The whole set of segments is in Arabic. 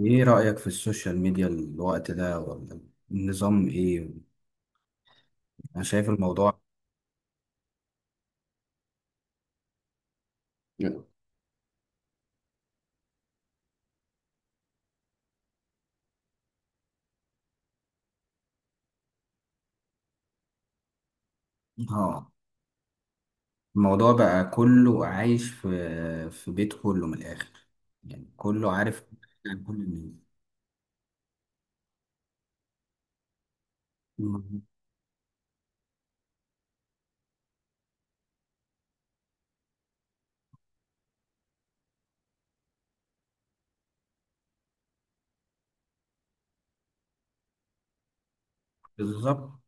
ايه رأيك في السوشيال ميديا الوقت ده، ولا النظام ايه؟ انا شايف الموضوع. اه. الموضوع بقى كله عايش في بيت، كله من الاخر، يعني كله عارف عن كل الناس. مم. بالظبط.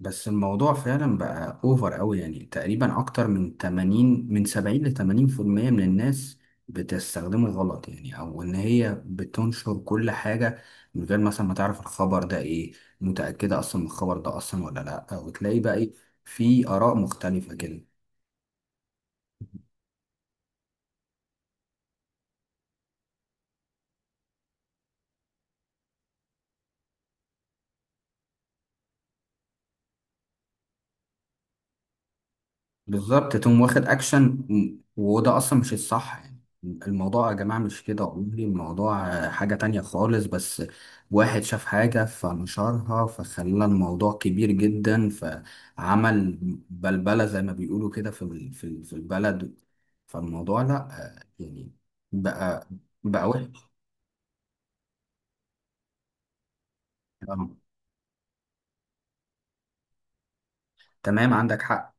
بس الموضوع فعلا بقى اوفر قوي، يعني تقريبا اكتر من 80، من 70 ل 80%، من الناس بتستخدمه غلط، يعني او ان هي بتنشر كل حاجة من غير مثلا ما تعرف الخبر ده ايه، متأكدة اصلا من الخبر ده اصلا ولا لا، وتلاقي بقى ايه، في اراء مختلفة كده. بالظبط، تقوم واخد اكشن. وده اصلا مش الصح يعني، الموضوع يا جماعه مش كده، والله الموضوع حاجه تانية خالص. بس واحد شاف حاجه فنشرها، فخلى الموضوع كبير جدا، فعمل بلبله زي ما بيقولوا كده في البلد. فالموضوع لا، يعني بقى بقى وحش. آه، تمام، عندك حق.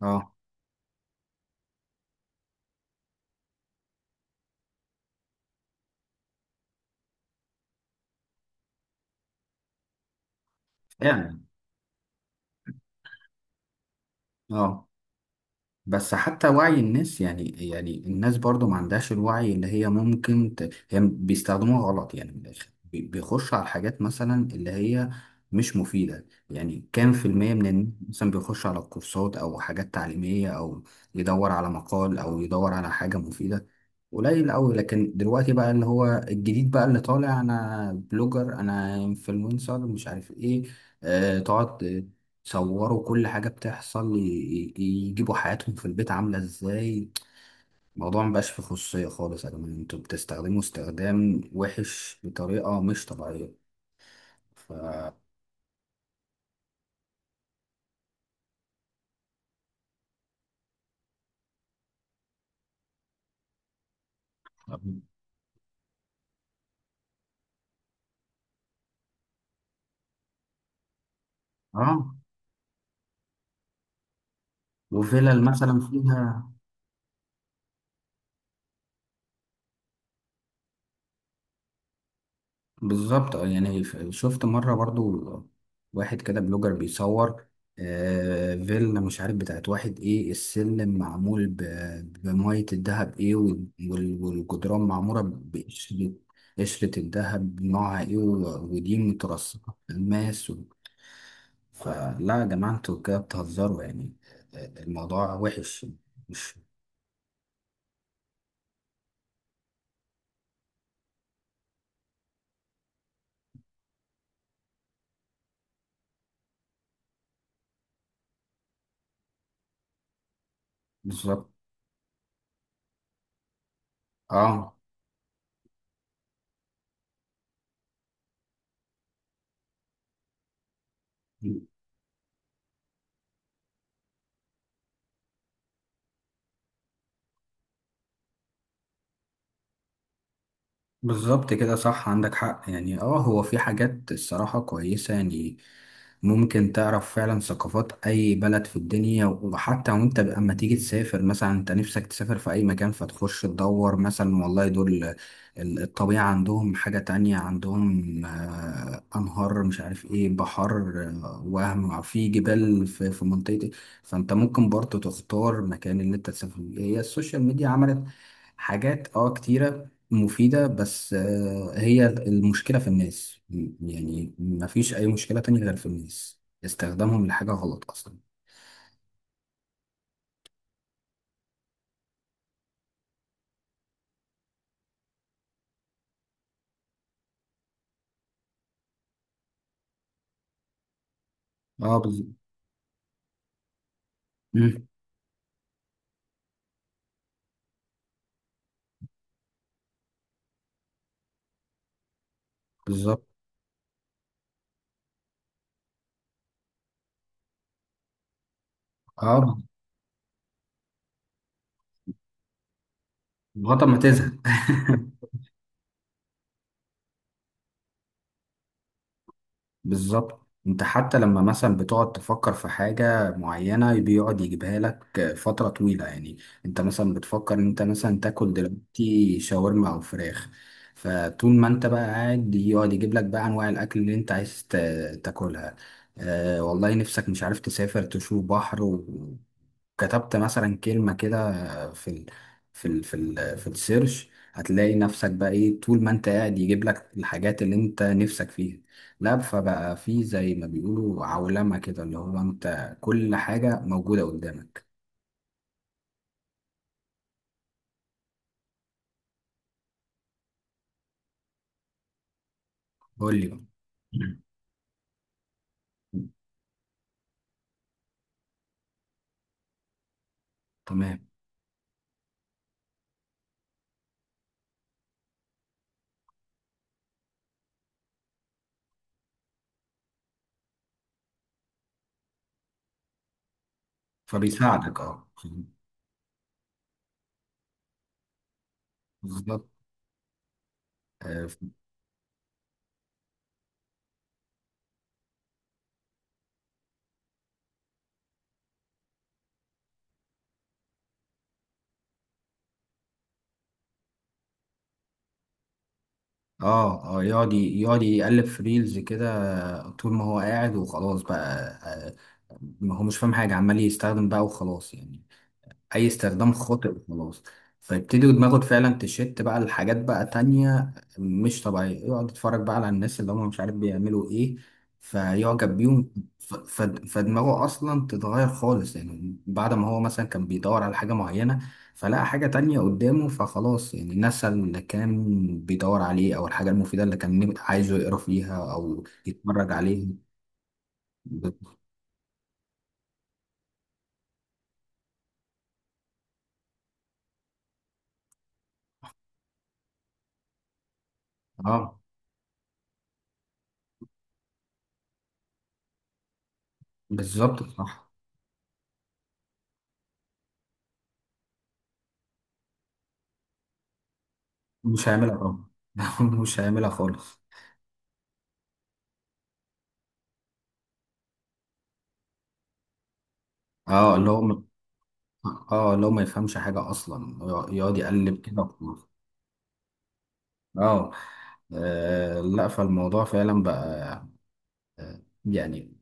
اه، فعلا. اه. بس حتى وعي الناس يعني الناس برضو ما عندهاش الوعي اللي هي ممكن هي بيستخدموها غلط، يعني من الآخر بيخش على الحاجات مثلا اللي هي مش مفيدة. يعني كام في المية من الناس مثلا بيخش على الكورسات أو حاجات تعليمية، أو يدور على مقال أو يدور على حاجة مفيدة؟ قليل أوي. لكن دلوقتي بقى اللي هو الجديد بقى اللي طالع، أنا بلوجر، أنا انفلونسر، مش عارف إيه، تقعد صوروا كل حاجة بتحصل، ي- يجيبوا حياتهم في البيت عاملة ازاي. الموضوع مبقاش فيه خصوصية خالص، يا جماعة انتوا بتستخدموا استخدام وحش بطريقة مش طبيعية. ف طب. اه. وفيلل مثلا فيها. بالظبط. اه يعني، شفت مرة برضو واحد كده بلوجر بيصور فيلا، مش عارف بتاعت واحد ايه، السلم معمول بمية الدهب ايه، والجدران معمورة بقشرة قشرة الدهب نوعها ايه، ودي مترصقة في الماس فلا يا جماعة انتوا كده بتهزروا يعني. الموضوع وحش. مش بالظبط. اه، بالظبط كده صح، عندك حق يعني. اه هو في حاجات الصراحة كويسة يعني، ممكن تعرف فعلا ثقافات أي بلد في الدنيا. وحتى وانت لما تيجي تسافر، مثلا انت نفسك تسافر في أي مكان، فتخش تدور مثلا، والله دول الطبيعة عندهم حاجة تانية، عندهم أنهار، مش عارف ايه، بحر، وهم في جبال في منطقتي. فانت ممكن برضه تختار مكان اللي انت تسافر فيه. هي السوشيال ميديا عملت حاجات كتيرة مفيدة، بس هي المشكلة في الناس. يعني مفيش أي مشكلة تانية غير في الناس، استخدامهم لحاجة غلط أصلا. اه. مم. بالظبط. اه. لغاية ما تزهق. بالظبط. انت حتى لما مثلا بتقعد تفكر في حاجة معينة بيقعد يجيبها لك فترة طويلة، يعني انت مثلا بتفكر ان انت مثلا تاكل دلوقتي شاورما او فراخ، فطول ما انت بقى قاعد يقعد يجيب لك بقى انواع الاكل اللي انت عايز تاكلها. اه والله نفسك مش عارف تسافر تشوف بحر كتبت مثلا كلمة كده في السيرش، هتلاقي نفسك بقى ايه، طول ما انت قاعد يجيب لك الحاجات اللي انت نفسك فيها. لا فبقى في زي ما بيقولوا عولمة كده، اللي هو انت كل حاجة موجودة قدامك. قول لي بقى. تمام. فبيساعدك. اه. بالظبط. اه. اه. يقعد يقلب في ريلز كده طول ما هو قاعد وخلاص بقى. آه، ما هو مش فاهم حاجة، عمال يستخدم بقى وخلاص يعني، اي استخدام خاطئ وخلاص. فيبتدي دماغه فعلا تشت بقى لحاجات بقى تانية مش طبيعية، يقعد يتفرج بقى على الناس اللي هم مش عارف بيعملوا ايه، فيعجب بيهم. ف- ف- فدماغه اصلا تتغير خالص، يعني بعد ما هو مثلا كان بيدور على حاجة معينة فلقى حاجة تانية قدامه، فخلاص يعني نسى اللي كان بيدور عليه، او الحاجة المفيدة اللي كان عايزه يقرا فيها او يتفرج عليها. ب- اه، بالظبط صح. مش هيعملها طبعا. مش هيعملها خالص. اه اللي هو اه اللي هو ما يفهمش حاجة أصلا، يقعد يقلب كده وخلاص. اه. لا، فالموضوع فعلا بقى يعني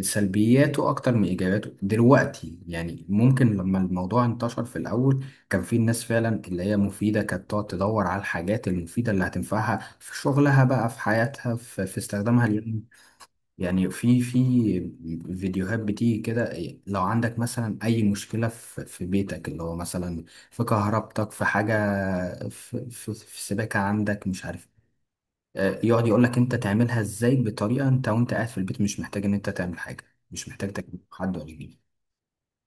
سلبياته أكتر من إيجاباته دلوقتي. يعني ممكن لما الموضوع انتشر في الأول كان في الناس فعلا اللي هي مفيدة، كانت تقعد تدور على الحاجات المفيدة اللي هتنفعها في شغلها بقى، في حياتها، في استخدامها. يعني في فيديوهات بتيجي كده، لو عندك مثلا أي مشكلة في بيتك اللي هو مثلا في كهربتك، في حاجة، في سباكة عندك، مش عارف، يقعد يقولك أنت تعملها إزاي بطريقة، أنت وأنت قاعد في البيت مش محتاج إن أنت تعمل حاجة، مش محتاج تكلم حد ولا تجيب.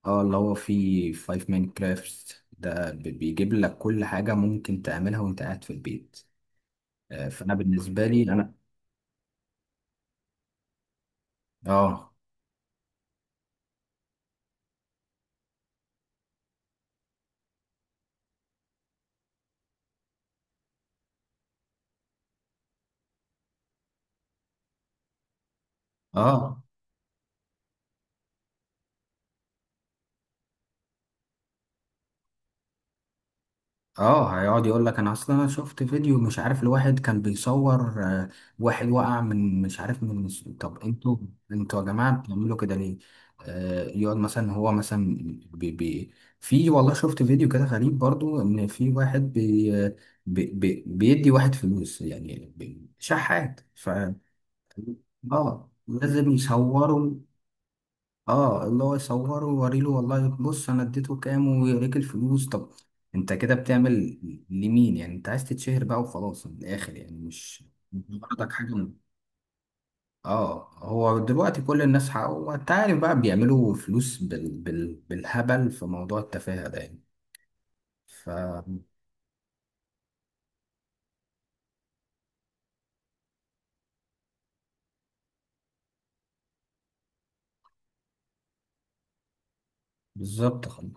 اه اللي هو في فايف ماين كرافت ده بيجيب لك كل حاجة ممكن تعملها وأنت قاعد في البيت. فأنا بالنسبة لي أنا. اه. اه. اه. هيقعد يقول لك، انا اصلا انا شفت فيديو مش عارف لواحد كان بيصور، واحد وقع من، مش عارف من. طب انتوا يا جماعه بتعملوا كده ليه؟ يقعد مثلا هو مثلا بي بي في والله شفت فيديو كده غريب برضو، ان في واحد بي بي بي بيدي واحد فلوس، يعني شحات. اه لازم يصوروا. اه اللي هو يصوره ويوريله، والله بص انا اديته كام، ويوريك الفلوس. طب انت كده بتعمل لمين؟ يعني انت عايز تتشهر بقى وخلاص من الاخر، يعني مش غرضك حاجه اه هو دلوقتي كل الناس حق، وانت عارف بقى بيعملوا فلوس بالهبل في موضوع التفاهه ده يعني. ف بالظبط.